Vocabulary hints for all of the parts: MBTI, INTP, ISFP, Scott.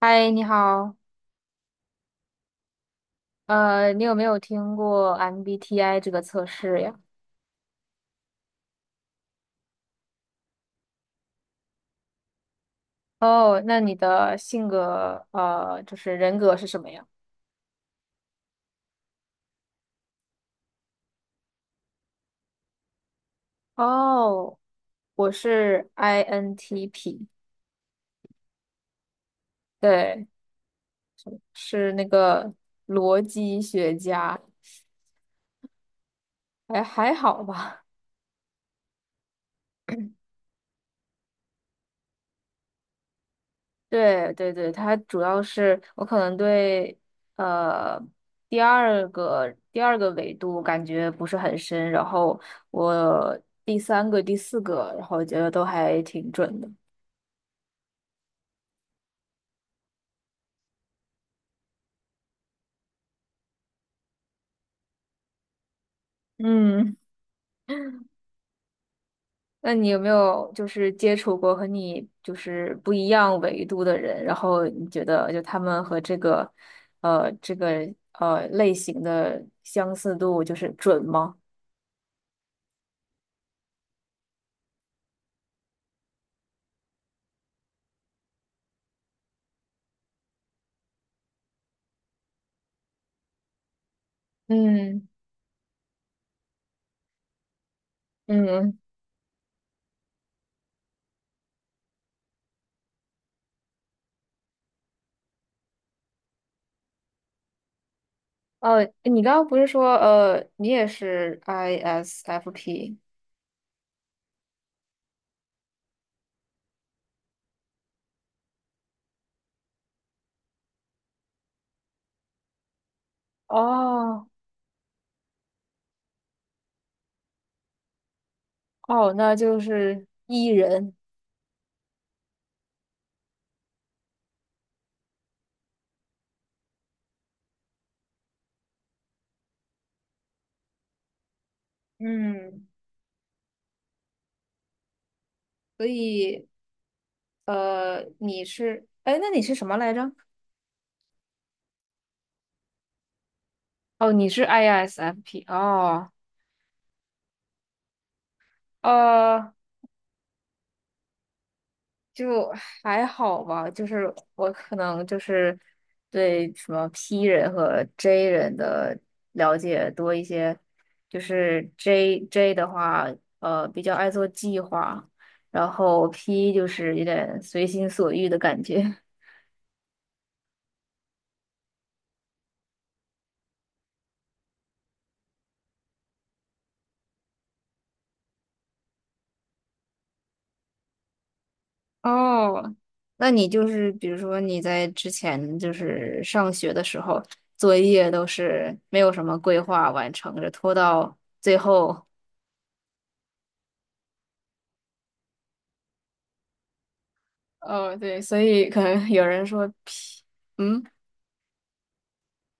嗨，你好，你有没有听过 MBTI 这个测试呀？哦，那你的性格，就是人格是什么呀？哦，我是 INTP，对，是那个逻辑学家，还好吧。对对对，它主要是我可能对呃第二个维度感觉不是很深，然后我第三个、第四个，然后我觉得都还挺准的。嗯。那你有没有就是接触过和你就是不一样维度的人，然后你觉得就他们和这个类型的相似度就是准吗？嗯嗯，哦，你刚刚不是说你也是 ISFP 哦哦，那就是 E 人，嗯，所以你是哎，那你是什么来着？哦，你是 ISFP 哦，呃，就还好吧，就是我可能就是对什么 P 人和 J 人的了解多一些，就是 J 的话，比较爱做计划，然后 P 就是有点随心所欲的感觉。哦，那你就是比如说你在之前就是上学的时候，作业都是没有什么规划完成着，拖到最后。哦，对，所以可能有人说 P，嗯，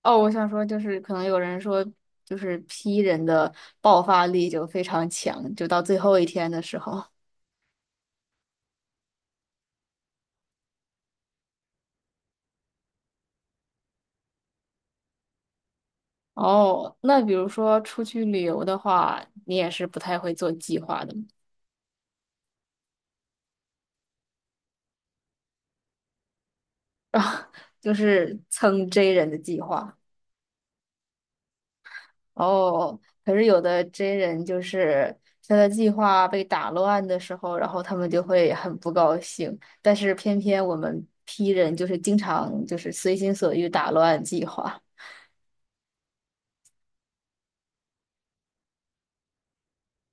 哦，我想说就是可能有人说就是 P 人的爆发力就非常强，就到最后一天的时候。哦，那比如说出去旅游的话，你也是不太会做计划的吗？啊，就是蹭 J 人的计划。哦，可是有的真人就是他的计划被打乱的时候，然后他们就会很不高兴。但是偏偏我们 P 人就是经常就是随心所欲打乱计划，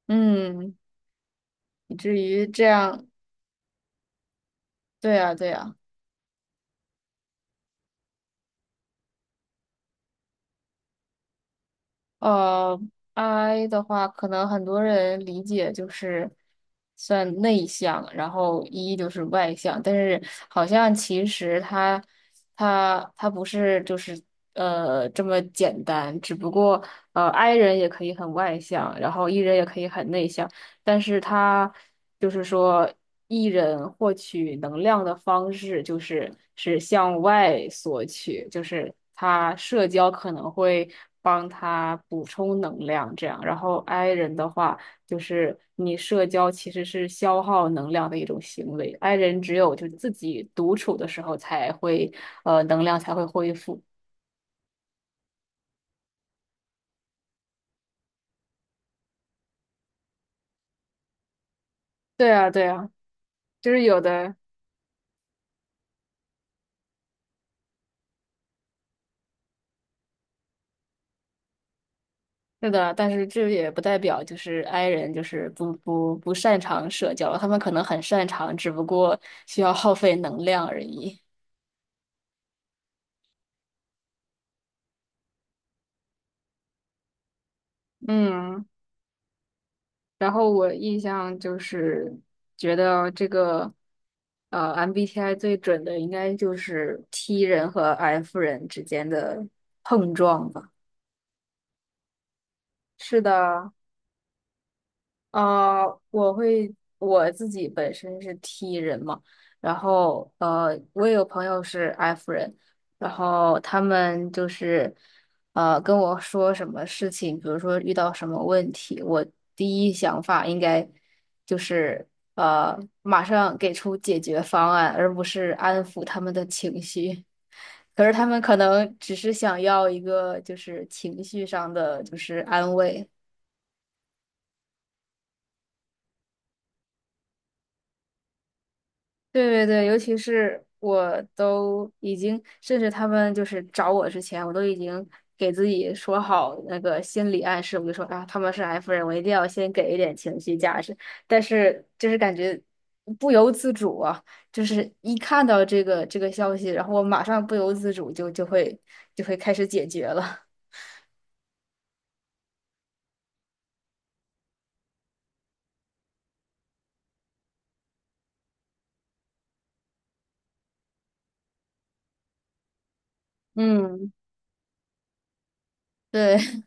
嗯，以至于这样，对呀，对呀。呃，I 的话，可能很多人理解就是算内向，然后 E 就是外向，但是好像其实它不是就是这么简单，只不过I 人也可以很外向，然后 E 人也可以很内向。但是他就是说，艺人获取能量的方式就是向外索取，就是他社交可能会帮他补充能量，这样。然后 I 人的话，就是你社交其实是消耗能量的一种行为，I 人只有就是自己独处的时候才会，能量才会恢复。对啊，对啊，就是有的。是的，但是这也不代表就是 i 人就是不擅长社交，他们可能很擅长，只不过需要耗费能量而已。嗯，然后我印象就是觉得这个MBTI 最准的应该就是 T 人和 F 人之间的碰撞吧。是的，我自己本身是 T 人嘛，然后我也有朋友是 F 人，然后他们就是跟我说什么事情，比如说遇到什么问题，我第一想法应该就是马上给出解决方案，而不是安抚他们的情绪。可是他们可能只是想要一个就是情绪上的就是安慰。对对对，尤其是我都已经，甚至他们就是找我之前，我都已经给自己说好那个心理暗示，我就说啊，他们是 F 人，我一定要先给一点情绪价值。但是就是感觉不由自主啊，就是一看到这个消息，然后我马上不由自主就会开始解决了。嗯。对。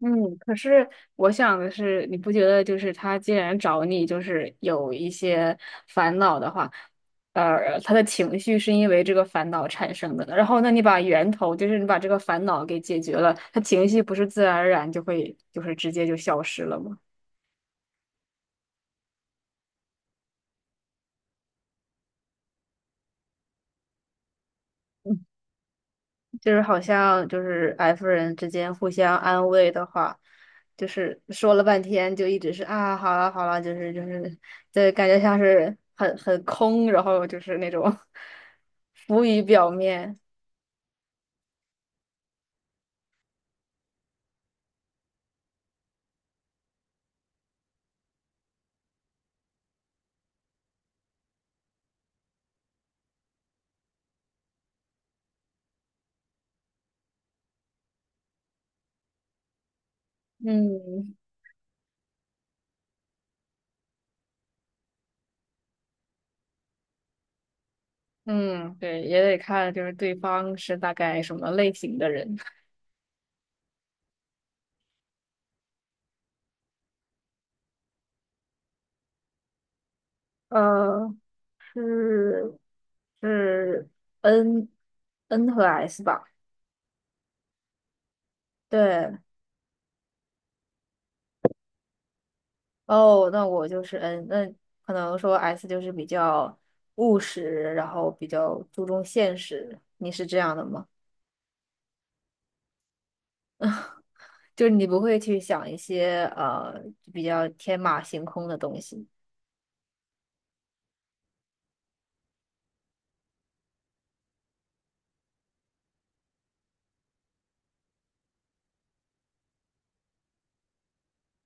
嗯，可是我想的是，你不觉得就是他既然找你，就是有一些烦恼的话，他的情绪是因为这个烦恼产生的，然后那你把源头，就是你把这个烦恼给解决了，他情绪不是自然而然就会就是直接就消失了吗？就是好像就是 F 人之间互相安慰的话，就是说了半天就一直是啊，好了好了，对，感觉像是很空，然后就是那种浮于表面。嗯嗯，对，也得看就是对方是大概什么类型的人。呃，是是 N N 和 S 吧？对。哦，那我就是那可能说 S 就是比较务实，然后比较注重现实。你是这样的吗？就是你不会去想一些比较天马行空的东西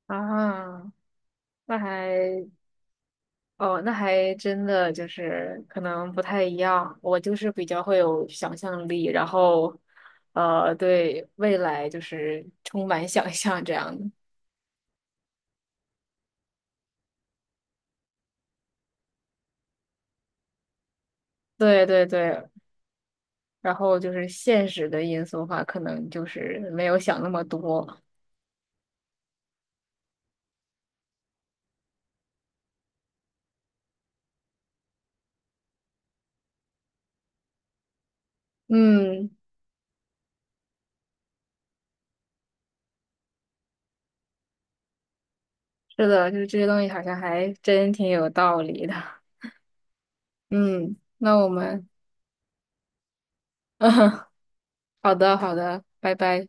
啊？那还哦，那还真的就是可能不太一样。我就是比较会有想象力，然后对未来就是充满想象这样的。对对对，然后就是现实的因素的话，可能就是没有想那么多。嗯，是的，就是这些东西好像还真挺有道理的。嗯，那我们，好的，好的，拜拜。